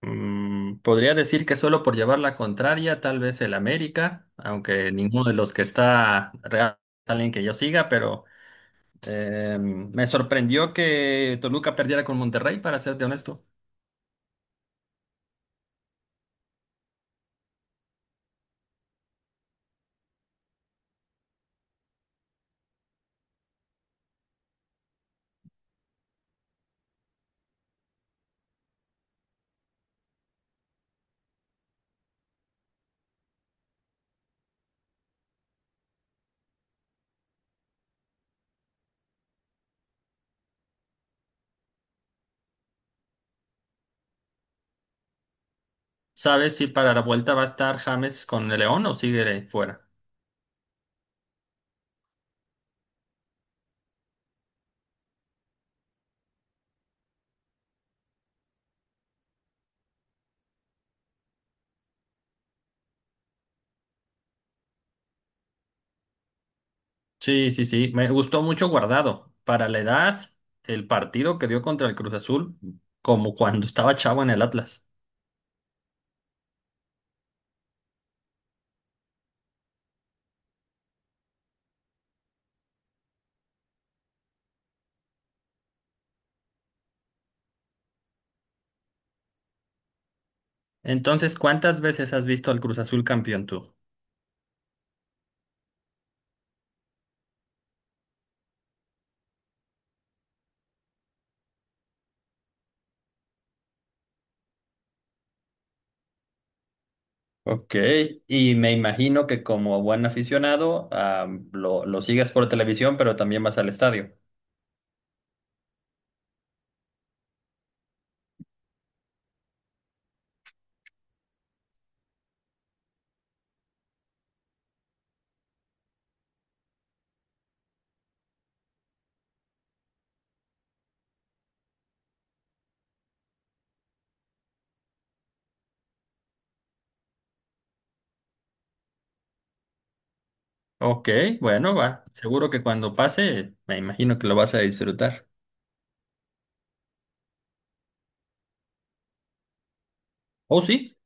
Podría decir que solo por llevar la contraria, tal vez el América, aunque ninguno de los que está real es alguien que yo siga, pero me sorprendió que Toluca perdiera con Monterrey, para serte honesto. ¿Sabes si para la vuelta va a estar James con el León o sigue fuera? Sí, sí, sí, me gustó mucho Guardado. Para la edad, el partido que dio contra el Cruz Azul, como cuando estaba chavo en el Atlas. Entonces, ¿cuántas veces has visto al Cruz Azul campeón tú? Ok, y me imagino que como buen aficionado, ah, lo sigas por televisión, pero también vas al estadio. Ok, bueno, va. Seguro que cuando pase, me imagino que lo vas a disfrutar. Oh, sí.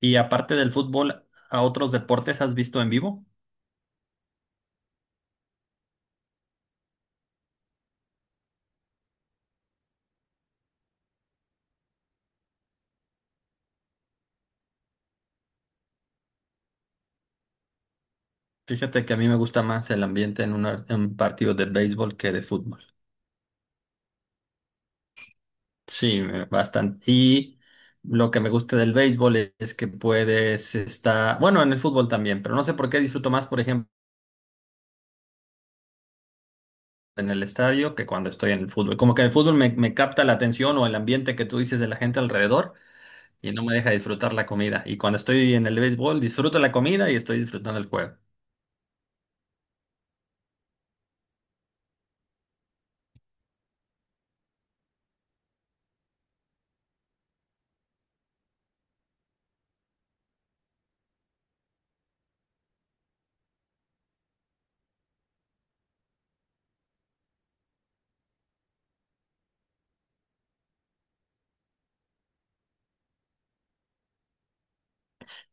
Y aparte del fútbol, ¿a otros deportes has visto en vivo? Fíjate que a mí me gusta más el ambiente en en un partido de béisbol que de fútbol. Sí, me- bastante. Y lo que me gusta del béisbol es que puedes estar, bueno, en el fútbol también, pero no sé por qué disfruto más, por ejemplo. En el estadio que cuando estoy en el fútbol. Como que en el fútbol me capta la atención o el ambiente que tú dices de la gente alrededor y no me deja disfrutar la comida. Y cuando estoy en el béisbol, disfruto la comida y estoy disfrutando el juego.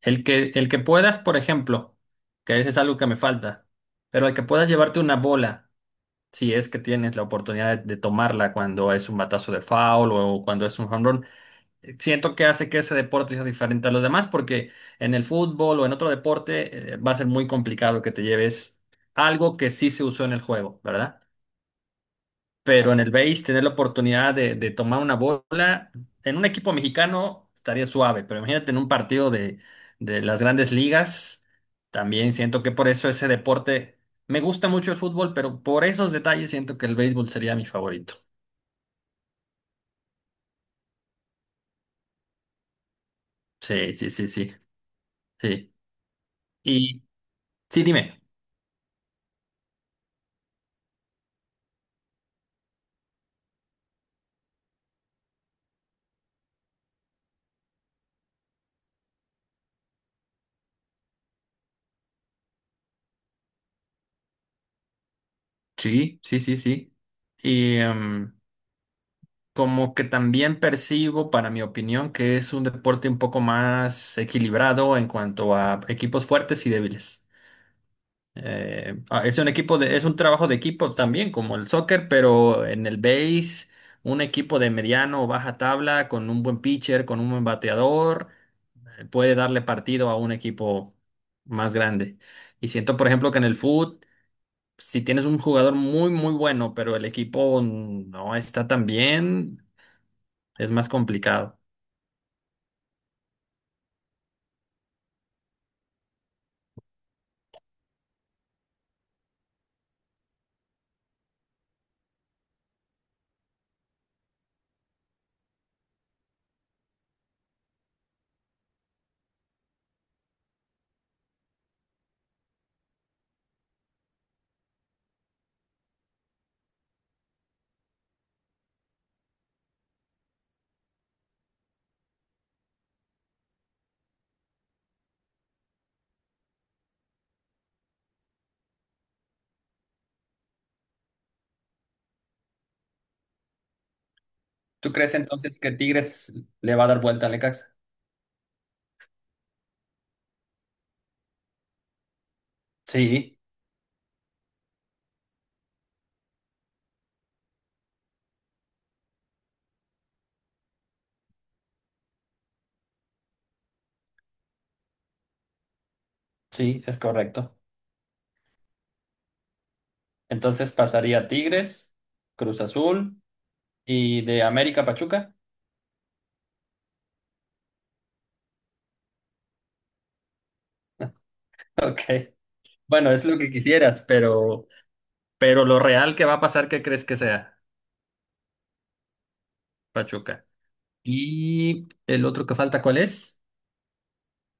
El que puedas, por ejemplo, que eso es algo que me falta, pero el que puedas llevarte una bola, si es que tienes la oportunidad de tomarla cuando es un batazo de foul o cuando es un jonrón, siento que hace que ese deporte sea diferente a los demás, porque en el fútbol o en otro deporte va a ser muy complicado que te lleves algo que sí se usó en el juego, ¿verdad? Pero en el base, tener la oportunidad de tomar una bola, en un equipo mexicano estaría suave, pero imagínate en un partido de las grandes ligas, también siento que por eso ese deporte, me gusta mucho el fútbol, pero por esos detalles siento que el béisbol sería mi favorito. Sí, sí, sí, sí, sí. Y sí, dime. Sí, sí, sí, sí. Y como que también percibo, para mi opinión, que es un deporte un poco más equilibrado en cuanto a equipos fuertes y débiles. Ah, es un equipo de, es un trabajo de equipo también, como el soccer, pero en el base, un equipo de mediano o baja tabla, con un buen pitcher, con un buen bateador, puede darle partido a un equipo más grande. Y siento, por ejemplo, que en el fútbol si tienes un jugador muy, muy bueno, pero el equipo no está tan bien, es más complicado. ¿Tú crees entonces que Tigres le va a dar vuelta al Necaxa? Sí, sí, es correcto. Entonces pasaría Tigres, Cruz Azul y de América Pachuca. Ok. Bueno, es lo que quisieras, pero lo real que va a pasar, ¿qué crees que sea, Pachuca? Y el otro que falta, ¿cuál es?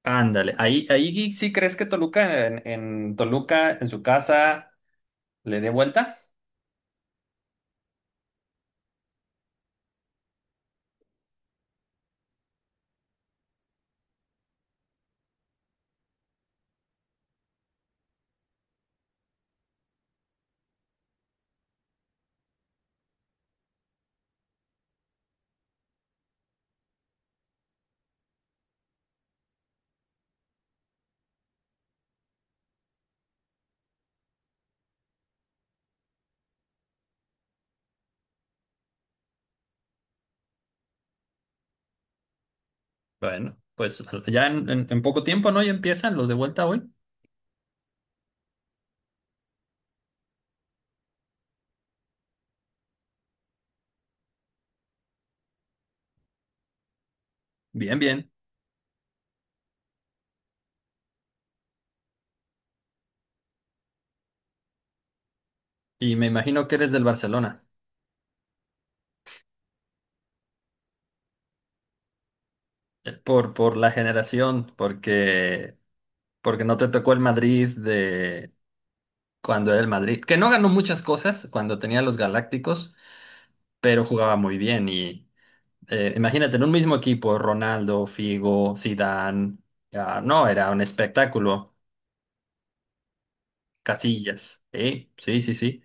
Ándale, ahí, ahí sí crees que Toluca en Toluca, ¿en su casa? Le dé vuelta. Bueno, pues ya en, en poco tiempo, ¿no? Ya empiezan los de vuelta hoy. Bien, bien. Y me imagino que eres del Barcelona, por la generación, porque, porque no te tocó el Madrid de cuando era el Madrid, que no ganó muchas cosas cuando tenía los Galácticos, pero jugaba muy bien. Y imagínate, en un mismo equipo, Ronaldo, Figo, Zidane, ah, no, era un espectáculo. Casillas, ¿eh? Sí, sí, sí.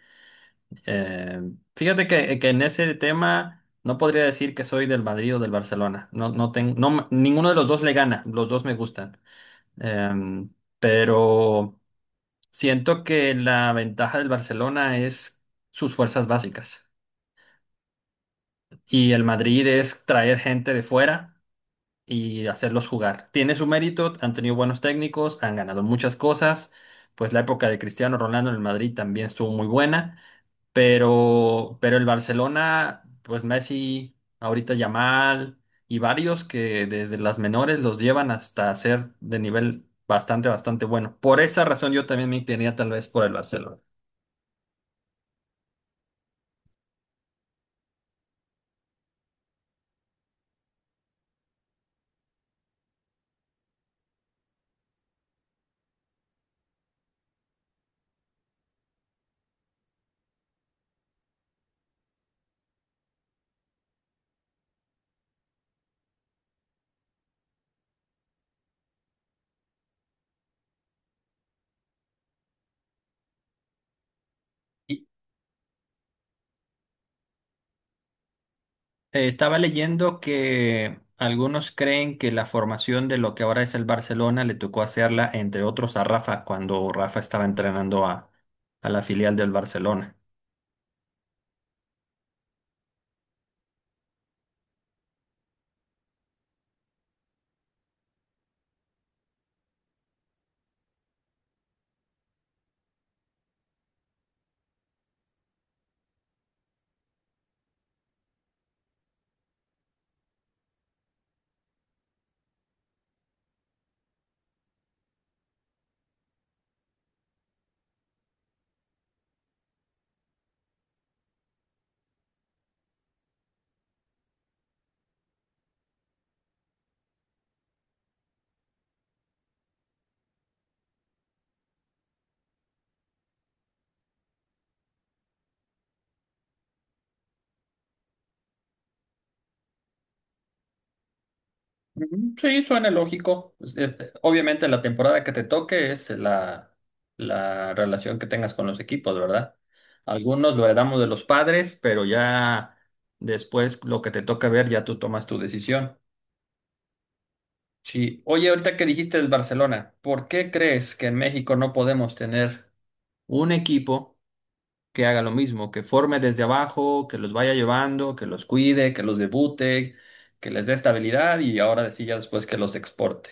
Eh, fíjate que en ese tema no podría decir que soy del Madrid o del Barcelona. No, no tengo, no, me- ninguno de los dos le gana, los dos me gustan. Eh, pero siento que la ventaja del Barcelona es sus fuerzas básicas. Y el Madrid es traer gente de fuera y hacerlos jugar. Tiene su mérito, han tenido buenos técnicos, han ganado muchas cosas. Pues la época de Cristiano Ronaldo en el Madrid también estuvo muy buena. Pero el Barcelona, pues Messi, ahorita Yamal y varios que desde las menores los llevan hasta ser de nivel bastante, bastante bueno. Por esa razón yo también me inclinaría tal vez por el Barcelona. Y, estaba leyendo que algunos creen que la formación de lo que ahora es el Barcelona le tocó hacerla, entre otros, a Rafa cuando Rafa estaba entrenando a la filial del Barcelona. Ujú, sí, suena lógico. Pues, obviamente la temporada que te toque es la, la relación que tengas con los equipos, ¿verdad? Algunos lo heredamos de los padres, pero ya después lo que te toca ver, ya tú tomas tu decisión. Sí, oye, ahorita que dijiste del Barcelona, ¿por qué crees que en México no podemos tener un equipo que haga lo mismo, que forme desde abajo, que los vaya llevando, que los cuide, que los debute, que les dé estabilidad y ahora sí ya después que los exporte?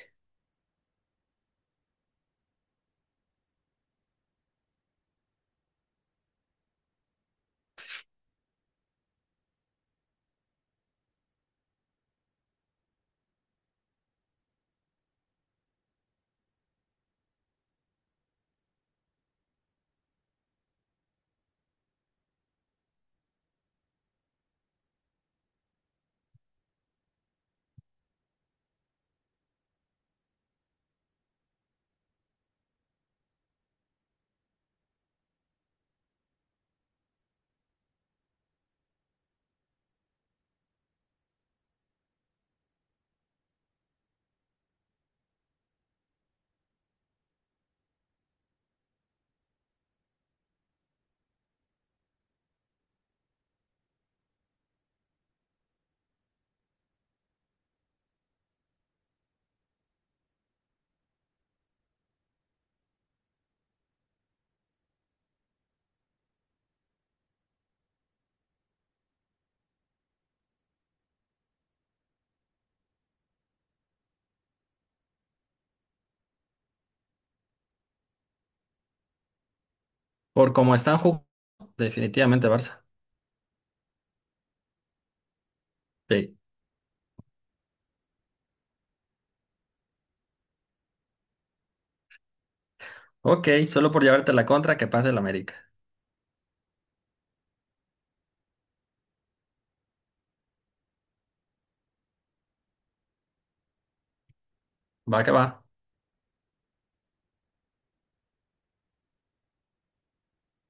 Por cómo están jugando, definitivamente Barça. Sí. Ok, solo por llevarte la contra que pase el América. Va que va.